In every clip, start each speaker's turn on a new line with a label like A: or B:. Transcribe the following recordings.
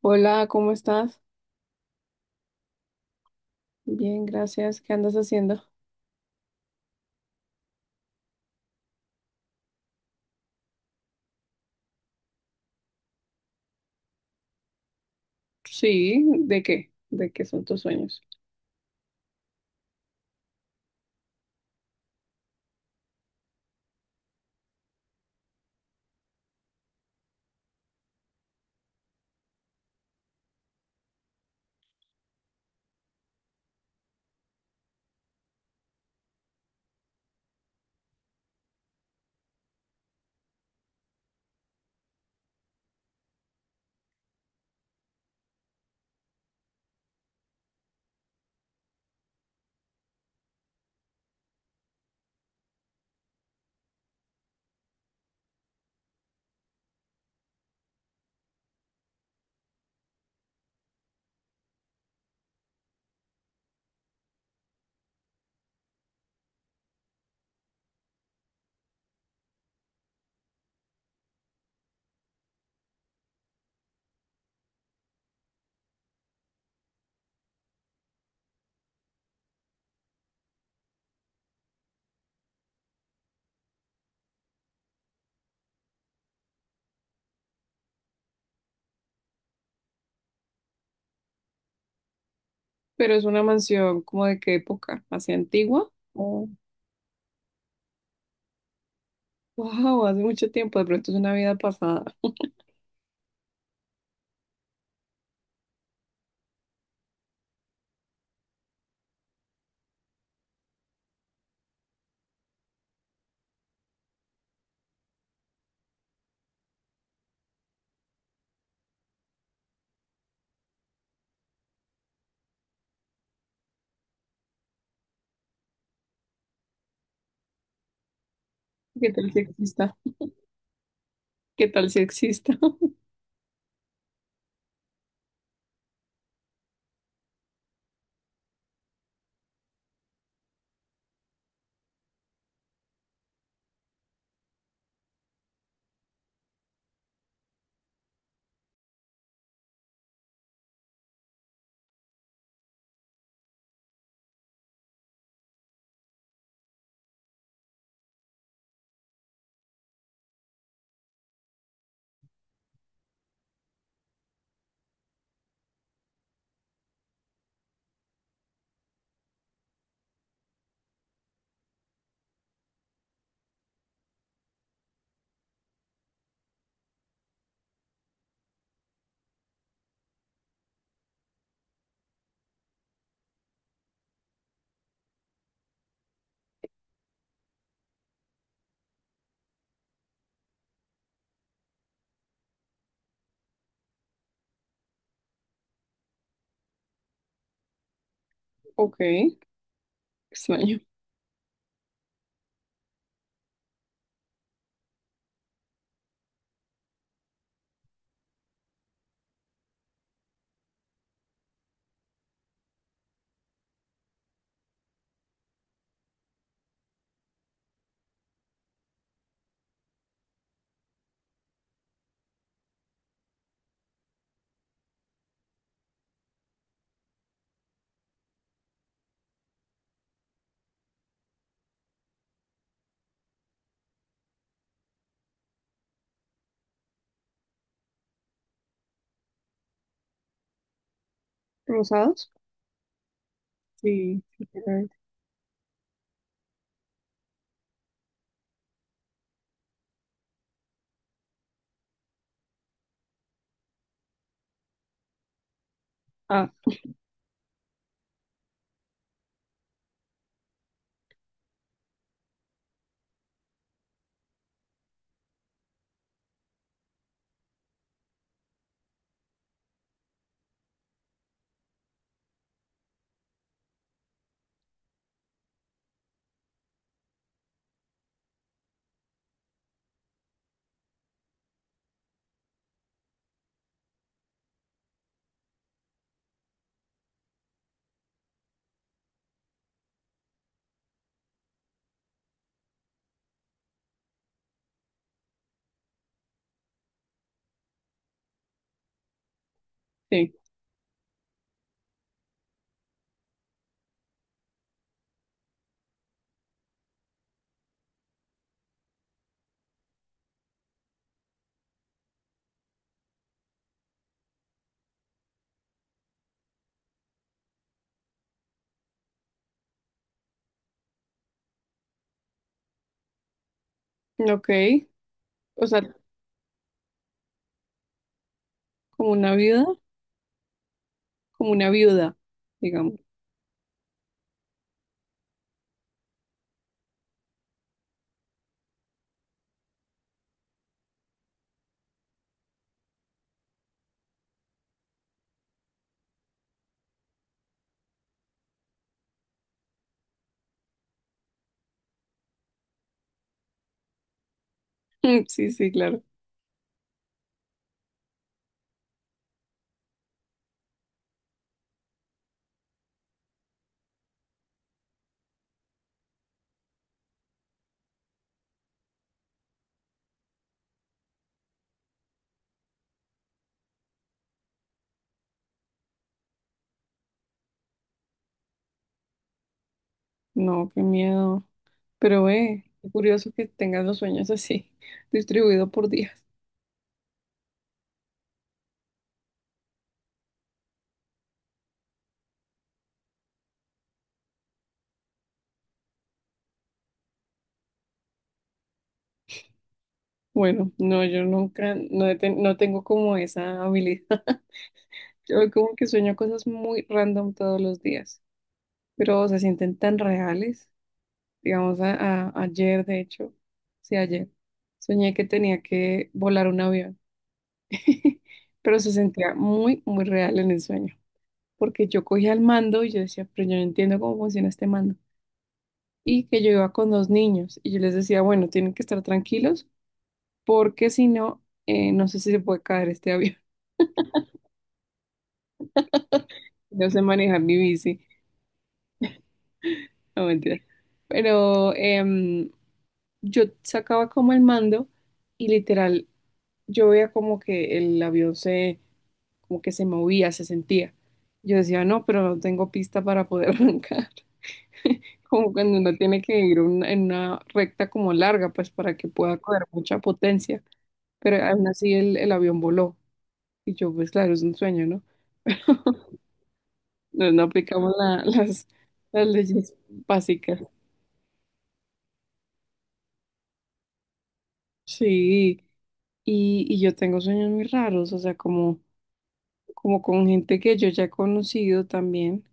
A: Hola, ¿cómo estás? Bien, gracias. ¿Qué andas haciendo? Sí, ¿de qué? ¿De qué son tus sueños? Pero es una mansión, ¿como de qué época? ¿Hacia antigua? Oh, wow, hace mucho tiempo, de pronto es una vida pasada. ¿Qué tal si exista? ¿Qué tal si exista? Ok, extraño. ¿Rosados? Sí, sí, quiero ver. Ah, sí. Ok, o sea, como una viuda, como una viuda, digamos. Sí, sí, claro. No, qué miedo. Pero qué curioso que tengas los sueños así, distribuido por días. Bueno, no, yo nunca, no, no tengo como esa habilidad. Yo como que sueño cosas muy random todos los días, pero se sienten tan reales. Digamos, ayer, de hecho, sí, ayer, soñé que tenía que volar un avión, pero se sentía muy, muy real en el sueño, porque yo cogía el mando y yo decía, pero yo no entiendo cómo funciona este mando. Y que yo iba con dos niños y yo les decía, bueno, tienen que estar tranquilos porque si no, no sé si se puede caer este avión, no sé manejar mi bici, no mentira. Pero yo sacaba como el mando y literal, yo veía como que como que se movía, se sentía. Yo decía, no, pero no tengo pista para poder arrancar. Como cuando uno tiene que en una recta como larga, pues para que pueda coger mucha potencia. Pero aún así el avión voló. Y yo, pues claro, es un sueño, ¿no? No, no aplicamos las leyes básicas. Sí, y yo tengo sueños muy raros, o sea, como, como con gente que yo ya he conocido también,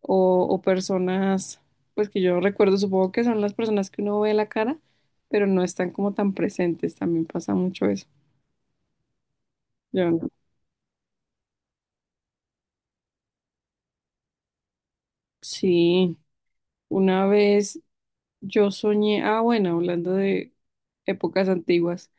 A: o personas, pues que yo recuerdo, supongo que son las personas que uno ve la cara, pero no están como tan presentes, también pasa mucho eso. Yo no. Sí, una vez yo soñé, ah, bueno, hablando de épocas antiguas,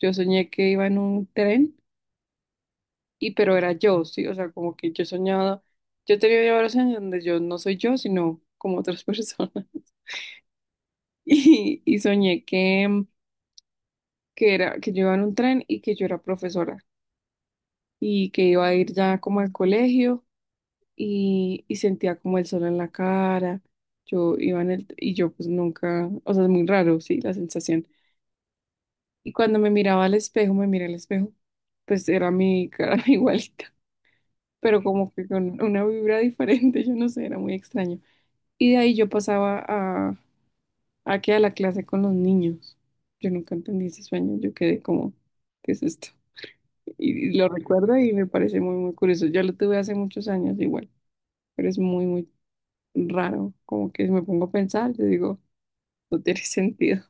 A: yo soñé que iba en un tren. Y pero era yo, sí, o sea, como que yo soñaba, yo tenía varios años donde yo no soy yo, sino como otras personas. Y soñé que, que era, que yo iba en un tren y que yo era profesora y que iba a ir ya como al colegio y sentía como el sol en la cara. Yo iba en el, y yo pues nunca, o sea, es muy raro, sí, la sensación. Y cuando me miraba al espejo, me miré al espejo, pues era mi cara igualita, pero como que con una vibra diferente, yo no sé, era muy extraño. Y de ahí yo pasaba a que a la clase con los niños. Yo nunca entendí ese sueño, yo quedé como, ¿qué es esto? Y, y lo recuerdo y me parece muy, muy curioso. Ya lo tuve hace muchos años igual, pero es muy, muy raro. Como que me pongo a pensar, yo digo, no tiene sentido.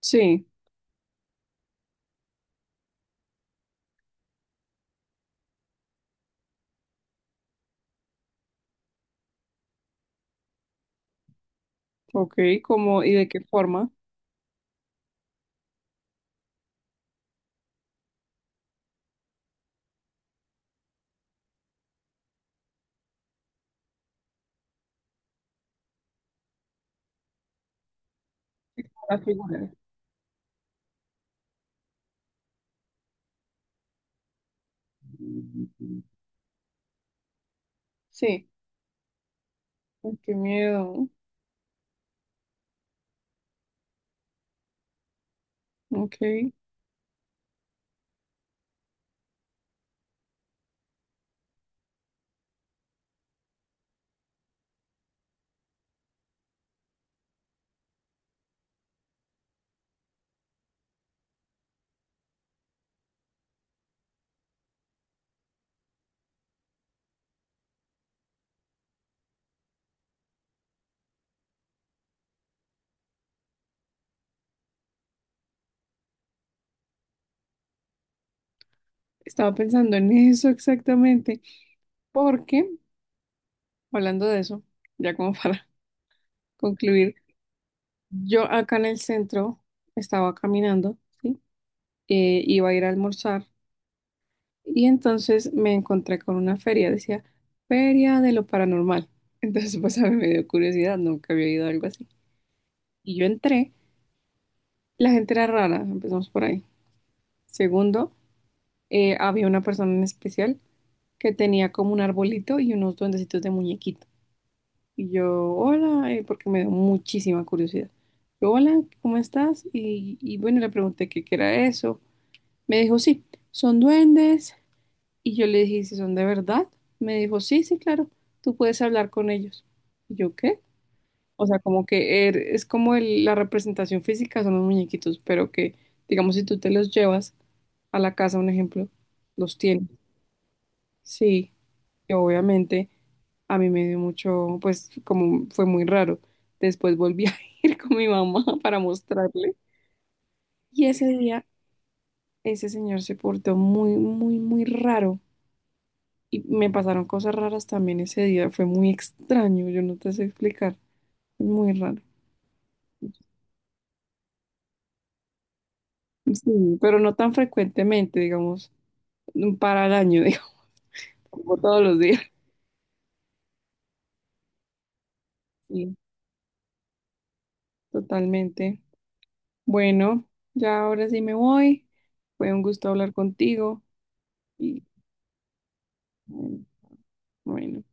A: Sí, ok, ¿cómo y de qué forma? La figura. Sí, ay, qué miedo. Ok, estaba pensando en eso exactamente, porque hablando de eso, ya como para concluir, yo acá en el centro estaba caminando, ¿sí? Iba a ir a almorzar y entonces me encontré con una feria, decía Feria de lo Paranormal. Entonces, pues a mí me dio curiosidad, nunca había ido a algo así. Y yo entré, la gente era rara, empezamos por ahí. Segundo, había una persona en especial que tenía como un arbolito y unos duendecitos de muñequito. Y yo, hola, porque me dio muchísima curiosidad. Yo, hola, ¿cómo estás? Y bueno, le pregunté qué era eso. Me dijo, sí, son duendes. Y yo le dije, ¿si son de verdad? Me dijo, sí, sí, claro, tú puedes hablar con ellos. Y yo, ¿qué? O sea, como que es como la representación física son los muñequitos, pero que, digamos, si tú te los llevas a la casa, un ejemplo, los tienes. Sí, y obviamente a mí me dio mucho, pues como fue muy raro. Después volví a ir con mi mamá para mostrarle. Y ese día, ese señor se portó muy, muy, muy raro. Y me pasaron cosas raras también ese día. Fue muy extraño, yo no te sé explicar. Muy raro. Sí, pero no tan frecuentemente, digamos, un para al año, digamos, como todos los días. Sí, totalmente. Bueno, ya ahora sí me voy. Fue un gusto hablar contigo y bueno, bueno.